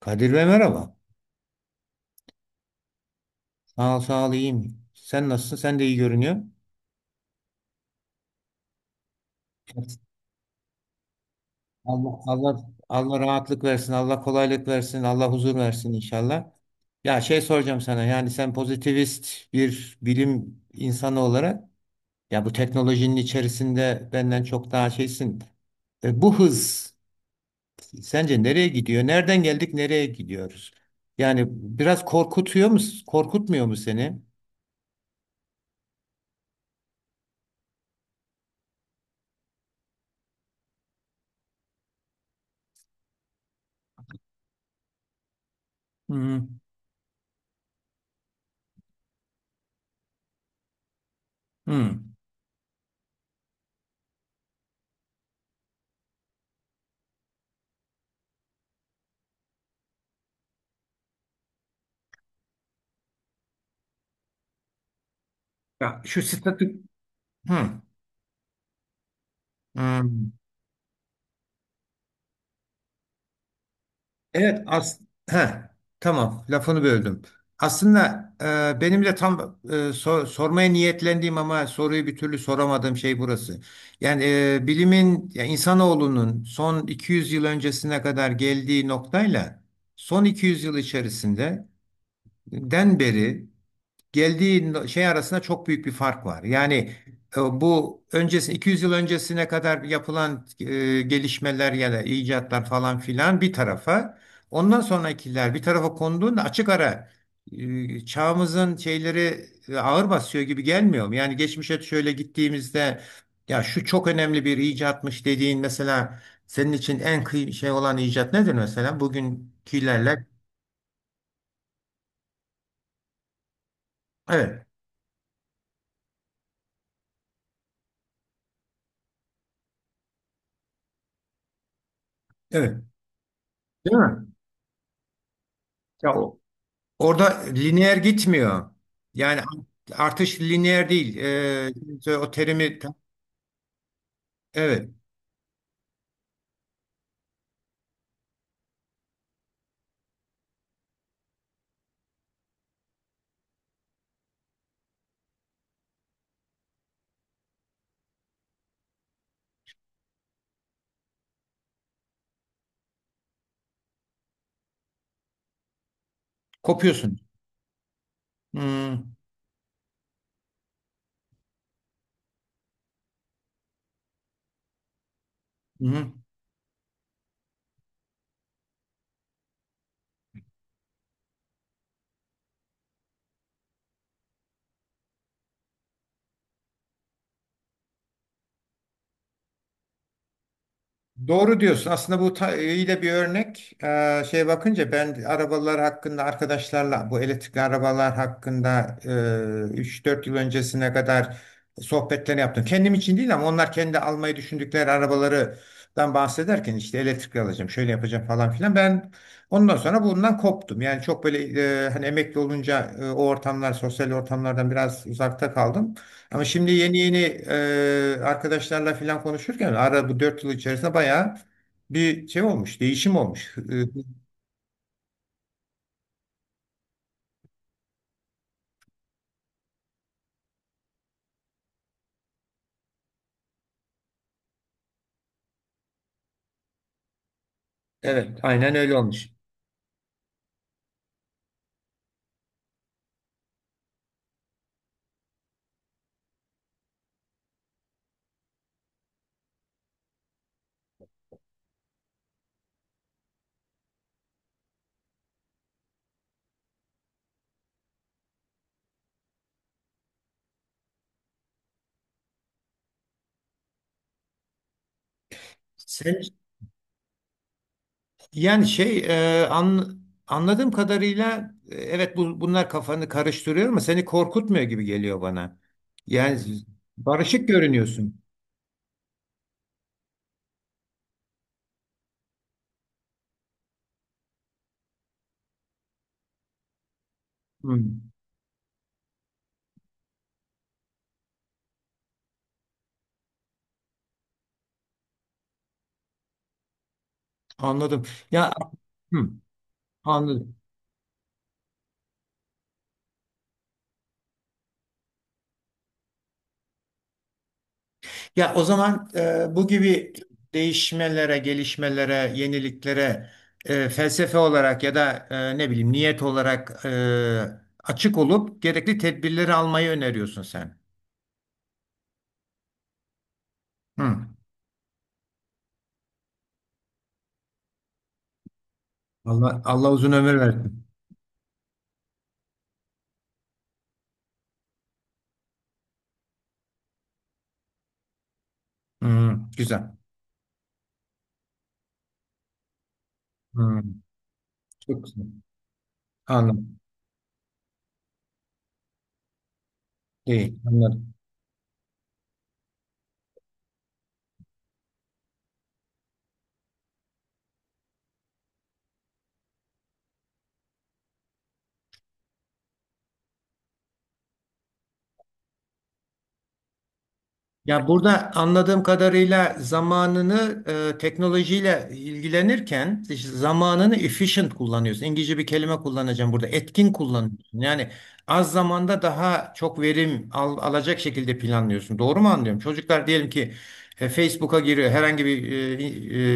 Kadir Bey, merhaba. Sağ ol, sağ ol, iyiyim. Sen nasılsın? Sen de iyi görünüyor. Allah Allah. Allah rahatlık versin, Allah kolaylık versin, Allah huzur versin inşallah. Ya şey soracağım sana. Yani sen pozitivist bir bilim insanı olarak ya bu teknolojinin içerisinde benden çok daha şeysin. Bu hız sence nereye gidiyor? Nereden geldik, nereye gidiyoruz? Yani biraz korkutuyor mu, korkutmuyor mu seni? Hı hı. Ya şu statik. Hı. Hmm. Evet. Heh. Tamam, lafını böldüm. Aslında benim de tam sormaya niyetlendiğim ama soruyu bir türlü soramadığım şey burası. Yani bilimin ya insanoğlunun son 200 yıl öncesine kadar geldiği noktayla son 200 yıl içerisinde den beri geldiği şey arasında çok büyük bir fark var. Yani bu öncesi 200 yıl öncesine kadar yapılan gelişmeler ya da icatlar falan filan bir tarafa, ondan sonrakiler bir tarafa konduğunda açık ara çağımızın şeyleri ağır basıyor gibi gelmiyor mu? Yani geçmişe şöyle gittiğimizde ya şu çok önemli bir icatmış dediğin mesela senin için en şey olan icat nedir mesela? Bugünkülerle. Evet. Evet. Değil mi? Ya o- Orada lineer gitmiyor. Yani artış lineer değil. O terimi evet kopuyorsun. Hmm, hı hı. Doğru diyorsun. Aslında bu iyi de bir örnek. Şey bakınca ben arabalar hakkında arkadaşlarla bu elektrikli arabalar hakkında 3-4 yıl öncesine kadar sohbetler yaptım. Kendim için değil ama onlar kendi almayı düşündükleri arabalardan bahsederken işte elektrikli alacağım, şöyle yapacağım falan filan. Ben ondan sonra bundan koptum. Yani çok böyle hani emekli olunca o ortamlar, sosyal ortamlardan biraz uzakta kaldım. Ama şimdi yeni yeni arkadaşlarla falan konuşurken ara bu 4 yıl içerisinde bayağı bir şey olmuş, değişim olmuş. Evet, aynen öyle olmuş. Sen yani anladığım kadarıyla evet bunlar kafanı karıştırıyor ama seni korkutmuyor gibi geliyor bana. Yani barışık görünüyorsun. Hmm, Anladım. Ya hmm, anladım. Ya o zaman bu gibi değişmelere, gelişmelere, yeniliklere felsefe olarak ya da ne bileyim niyet olarak açık olup gerekli tedbirleri almayı öneriyorsun sen. Hı. Allah, Allah uzun ömür versin. Hı, güzel. Hı, çok güzel. Anladım. Değil. Anladım. Ya burada anladığım kadarıyla zamanını teknolojiyle ilgilenirken işte zamanını efficient kullanıyorsun. İngilizce bir kelime kullanacağım burada. Etkin kullanıyorsun. Yani az zamanda daha çok verim alacak şekilde planlıyorsun. Doğru mu anlıyorum? Çocuklar diyelim ki Facebook'a giriyor. Herhangi bir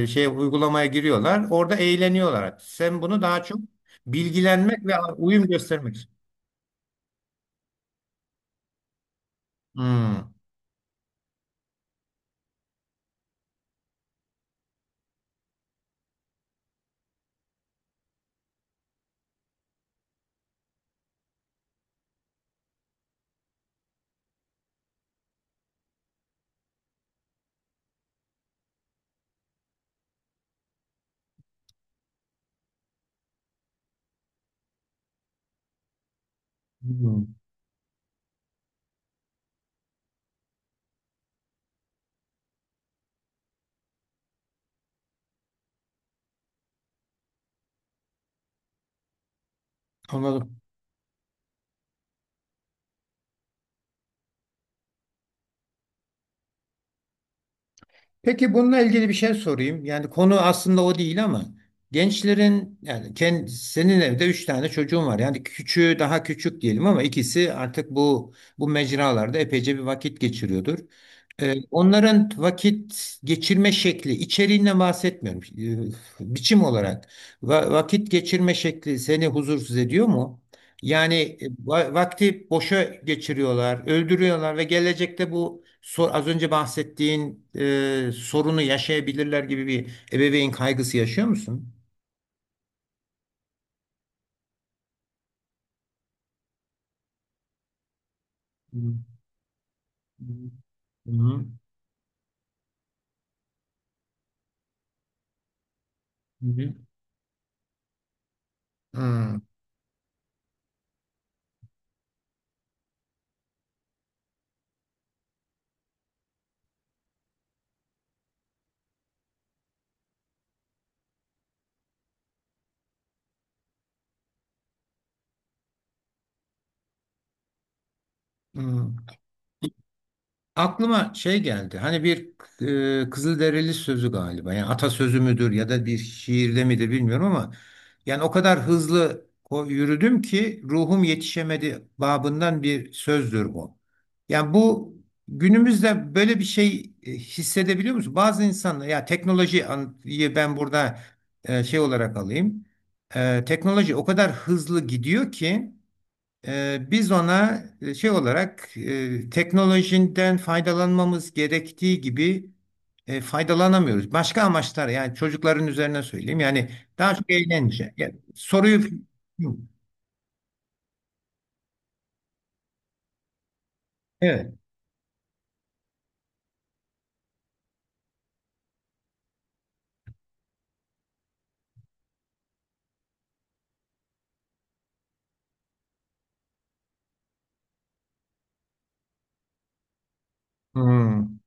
şey uygulamaya giriyorlar. Orada eğleniyorlar. Sen bunu daha çok bilgilenmek ve uyum göstermek. Hmm. Hmm. Anladım. Peki bununla ilgili bir şey sorayım. Yani konu aslında o değil ama gençlerin yani kendi, senin evde üç tane çocuğun var. Yani küçüğü daha küçük diyelim ama ikisi artık bu mecralarda epeyce bir vakit geçiriyordur. Onların vakit geçirme şekli, içeriğinden bahsetmiyorum. Biçim olarak vakit geçirme şekli seni huzursuz ediyor mu? Yani vakti boşa geçiriyorlar, öldürüyorlar ve gelecekte bu az önce bahsettiğin sorunu yaşayabilirler gibi bir ebeveyn kaygısı yaşıyor musun? Hı hı. Hı hı. Hı hı. Hı. Aklıma şey geldi. Hani bir Kızılderili sözü galiba. Yani atasözü müdür ya da bir şiirde midir bilmiyorum ama yani o kadar hızlı yürüdüm ki ruhum yetişemedi babından bir sözdür bu. Yani bu günümüzde böyle bir şey hissedebiliyor musun? Bazı insanlar ya teknolojiyi ben burada şey olarak alayım. Teknoloji o kadar hızlı gidiyor ki biz ona şey olarak teknolojiden faydalanmamız gerektiği gibi faydalanamıyoruz. Başka amaçlar yani çocukların üzerine söyleyeyim. Yani daha çok eğlence. Yani soruyu. Hı, evet. Hmm.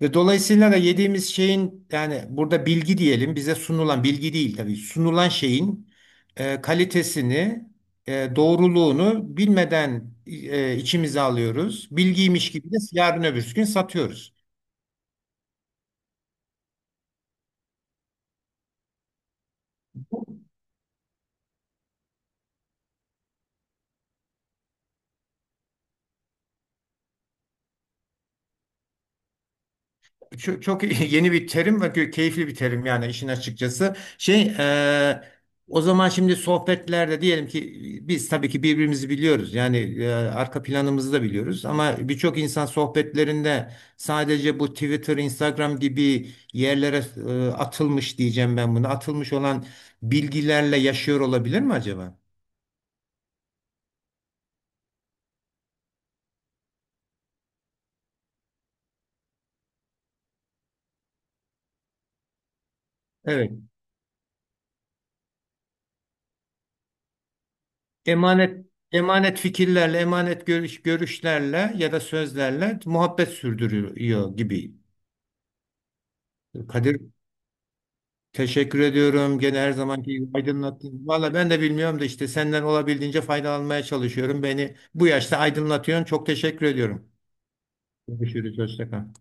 Ve dolayısıyla da yediğimiz şeyin yani burada bilgi diyelim bize sunulan bilgi değil tabii sunulan şeyin kalitesini doğruluğunu bilmeden içimize alıyoruz. Bilgiymiş gibi de yarın öbürsü gün satıyoruz. Çok, çok yeni bir terim ve keyifli bir terim yani işin açıkçası. E, O zaman şimdi sohbetlerde diyelim ki biz tabii ki birbirimizi biliyoruz. Yani arka planımızı da biliyoruz ama birçok insan sohbetlerinde sadece bu Twitter, Instagram gibi yerlere atılmış diyeceğim ben bunu. Atılmış olan bilgilerle yaşıyor olabilir mi acaba? Evet. Emanet emanet fikirlerle, emanet görüşlerle ya da sözlerle muhabbet sürdürüyor gibi. Kadir, teşekkür ediyorum. Gene her zamanki gibi aydınlattın. Valla ben de bilmiyorum da işte senden olabildiğince faydalanmaya çalışıyorum. Beni bu yaşta aydınlatıyorsun. Çok teşekkür ediyorum. Görüşürüz. Hoşça kal.